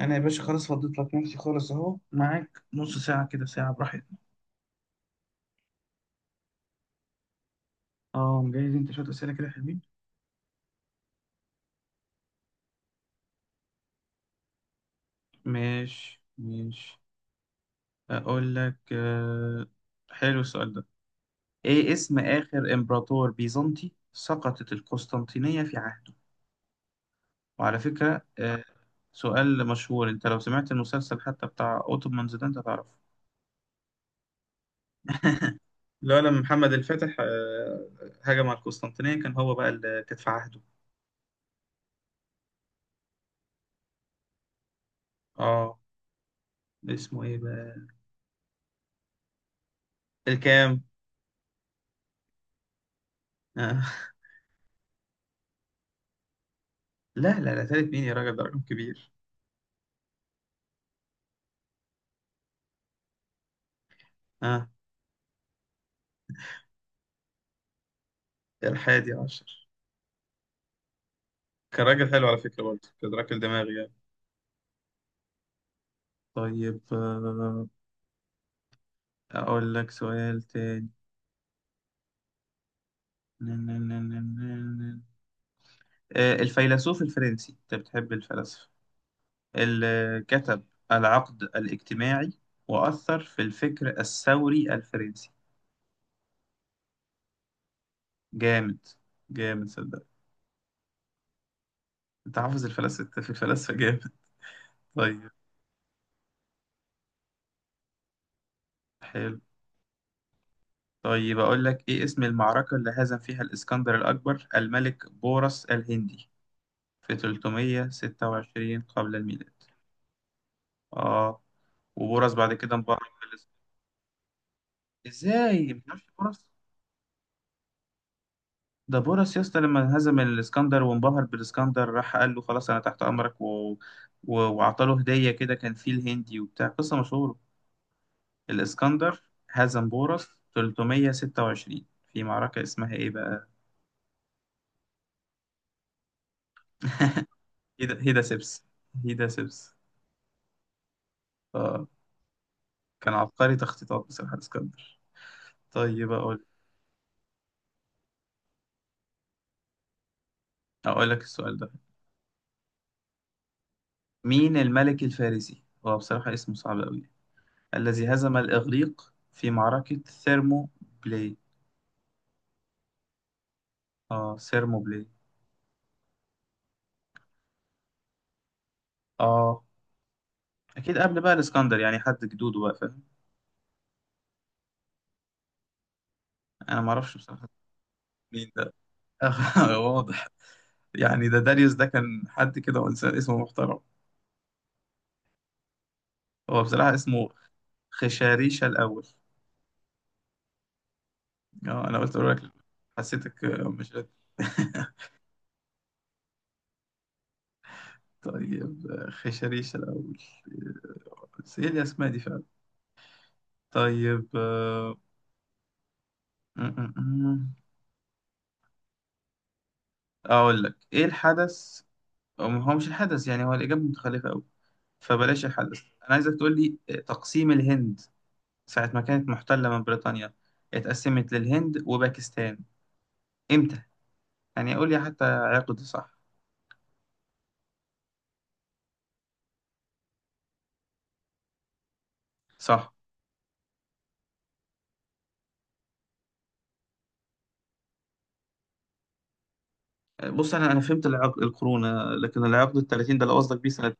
انا يا باشا خلاص فضيت لك نفسي خالص، اهو معاك نص ساعه كده، ساعه براحتنا. اه، مجهز انت شويه اسئله كده حلوين؟ ماشي ماشي. اقول لك، حلو السؤال ده. ايه اسم اخر امبراطور بيزنطي سقطت القسطنطينيه في عهده؟ وعلى فكره، سؤال مشهور، انت لو سمعت المسلسل حتى بتاع اوتومانز ده انت تعرفه. لا، لما محمد الفاتح هجم على القسطنطينيه، كان هو بقى اللي كانت في عهده. اه، اسمه ايه بقى؟ الكام؟ لا لا لا، تالت مين يا راجل؟ ده رقم كبير. اه، ده الحادي عشر. كان راجل حلو على فكرة، برضه كان راجل دماغي يعني. طيب، أقول لك سؤال تاني. نن- نن- نن- نن- نن. الفيلسوف الفرنسي، أنت بتحب الفلاسفة، اللي كتب العقد الاجتماعي وأثر في الفكر الثوري الفرنسي. جامد. جامد صدق. أنت حافظ الفلاسفة في الفلاسفة جامد. طيب، حلو. طيب، أقول لك، إيه اسم المعركة اللي هزم فيها الإسكندر الأكبر الملك بورس الهندي في 326 قبل الميلاد؟ آه، وبورس بعد كده انبهر بالإس- إزاي متعرفش بورس؟ ده بورس يا اسطى، لما هزم الإسكندر وانبهر بالإسكندر راح قال له خلاص أنا تحت أمرك، و... و... وأعطاله هدية كده، كان فيل هندي وبتاع قصة مشهورة. الإسكندر هزم بورس 326، في معركة اسمها إيه بقى؟ هيدا سبس. هيدا سبس. كان عبقري تخطيطات بصراحة اسكندر. طيب، أقول لك السؤال ده. مين الملك الفارسي؟ هو بصراحة اسمه صعب أوي، الذي هزم الإغريق في معركة ثيرمو بلاي. آه، ثيرمو بلاي. آه، أكيد قبل بقى الإسكندر يعني، حد جدوده بقى فاهم. أنا معرفش بصراحة. مين ده؟ واضح. يعني ده داريوس، ده كان حد كده وإنسان اسمه محترم. هو بصراحة اسمه خشاريشا الأول. آه، أنا قلت أقول لك، حسيتك مش قادر. طيب، خشريش الأول، بس إيه الأسماء دي فعلا. طيب، آه، م- م- م. أقول لك، إيه الحدث؟ أو هو مش الحدث، يعني هو الإجابة متخلفة أوي، فبلاش الحدث. أنا عايزك تقول لي، تقسيم الهند ساعة ما كانت محتلة من بريطانيا، اتقسمت للهند وباكستان، إمتى؟ يعني قول لي حتى عقد. صح؟ صح. بص أنا فهمت، العقد القرون، لكن العقد ال 30 ده اللي قصدك بيه سنة؟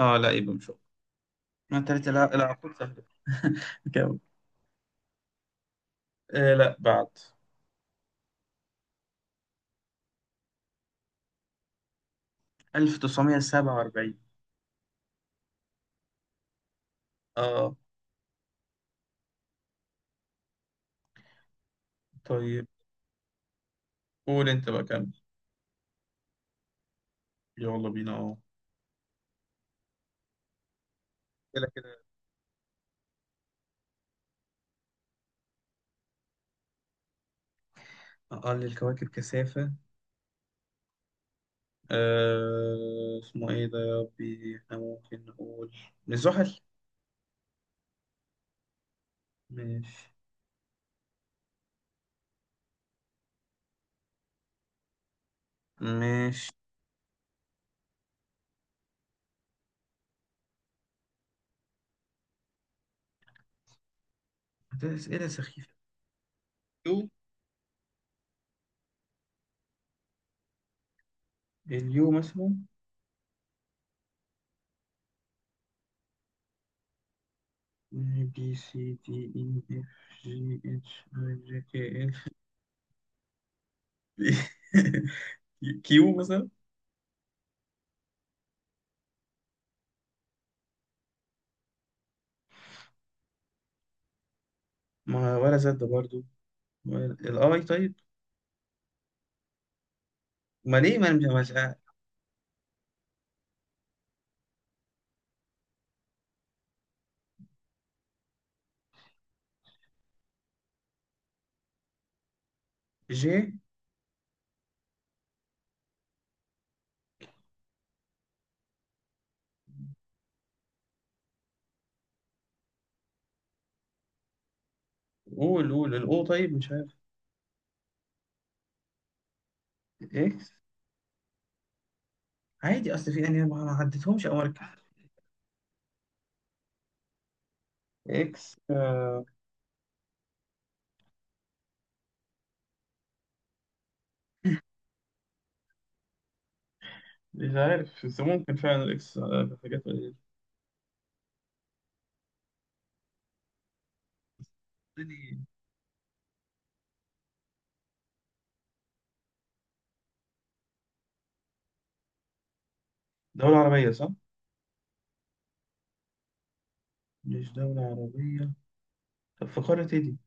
آه لا، يبقى مش هو. ما تلات العقود سهلة. آه لا، بعد. 1947. اه، طيب. قول انت بقى، كمل. يلا بينا، اه. كده كده. أقل الكواكب كثافة. اسمه إيه ده يا ربي، إحنا ممكن نقول الزحل. ماشي. ماشي. ده أسئلة سخيفة. يو، اليو مثلا. بي سي دي إي إف، جي إتش، آي جي كي إف. كيو مثلا. ما ولا زد برضو، الآي طيب. ما ليه ما أنا مش. جي. قول، قول الاو طيب، مش عارف. اكس. عادي، اصل في انا ما عدتهمش او مركز. اكس. مش عارف، بس ممكن فعلا الاكس، في حاجات قليلة. تاني. دولة عربية، صح؟ مش دولة عربية. طب في قارة ايه دي؟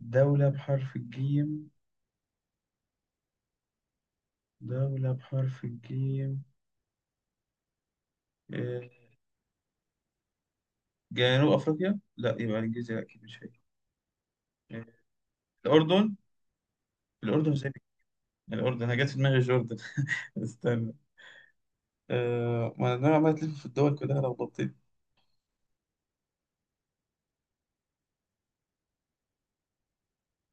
دولة بحرف الجيم. دولة بحرف الجيم؟ آه. جنوب افريقيا؟ لا، يبقى الجزيرة اكيد مش هي. آه، الاردن. الاردن ازاي؟ الاردن انا جت في دماغي جوردن. استنى. آه، ما انا عمال تلف في الدول كلها لخبطتني.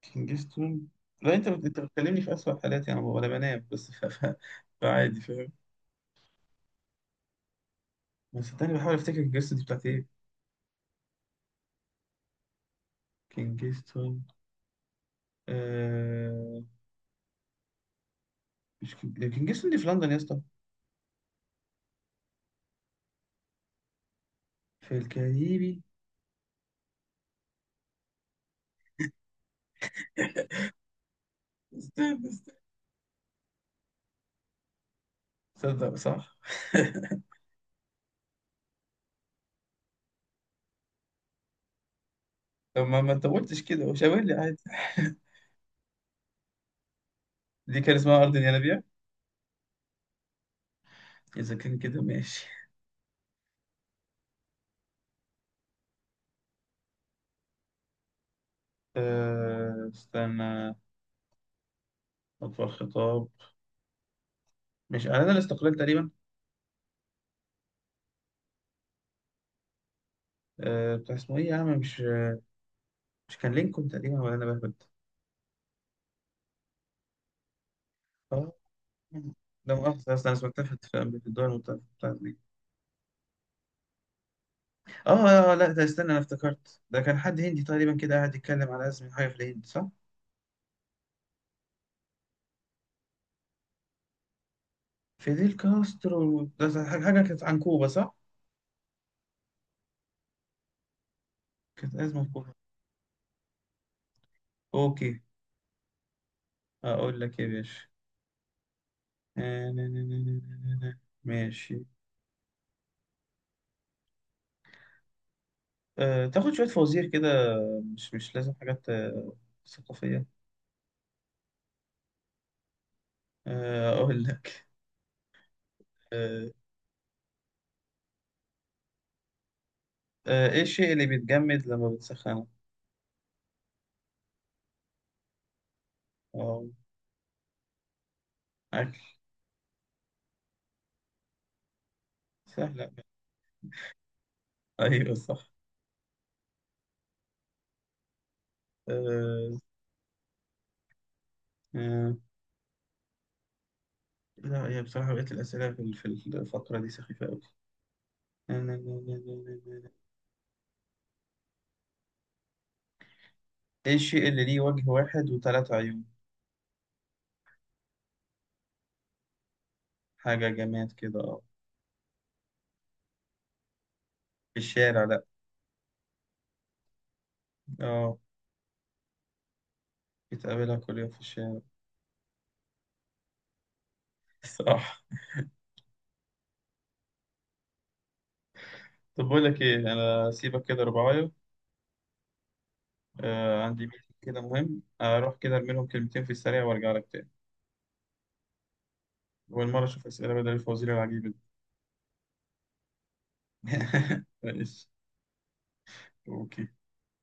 كينجستون. لا، انت بتكلمني في اسوأ حالاتي، انا ولا بنام، بس فعادي، فاهم. بس صدقني بحاول افتكر كينجستون دي بتاعت ايه. كينجستون. آه... مش كينج... لا، كينجستون دي في لندن يا اسطى. في الكاريبي. استنى استنى. صدق، صح. طب ما انت قلتش كده، وشاور لي عادي. دي كان اسمها ارض ينابيع. اذا كان كده، ماشي. استنى. اطول خطاب. مش اعلان الاستقلال تقريبا. بتاع اسمه ايه يا عم، مش كان لينكولن تقريبا، ولا انا بهبد. آه. ده مؤاخذة، أصلا أنا سمعتها في الدول المتوسطة بتاعت دي. لا، ده استنى، أنا افتكرت ده كان حد هندي تقريبا كده قاعد يتكلم على أزمة حاجة في الهند، صح؟ فيديل كاسترو ده، حاجة كانت عن كوبا، صح؟ كانت أزمة في كوبا. أوكي. أقول لك إيه يا باشا. آه، نا- نا- نا- نا- نا- نا- نا. ماشي. أه، تاخد شوية فوازير كده. مش لازم حاجات ثقافية. أقول لك. أه. إيه الشيء اللي بيتجمد لما بتسخنه؟ أه. أكل. سهلة. أيوه صح. آه. آه لا، هي بصراحة بقيت الأسئلة في الفقرة دي سخيفة أوي. إيه الشيء اللي ليه وجه واحد وثلاث عيون؟ حاجة جماد كده، أه. في الشارع، لأ. أه. بتقابلها كل يوم في الشارع. صح. طب بقول لك إيه، أنا سيبك كده ربعاية. عندي ميتنج كده مهم، أروح كده أرمي لهم كلمتين في السريع وأرجع لك تاني. والمرة أشوف أسئلة بدل الفوازير العجيبة دي. ماشي. أوكي.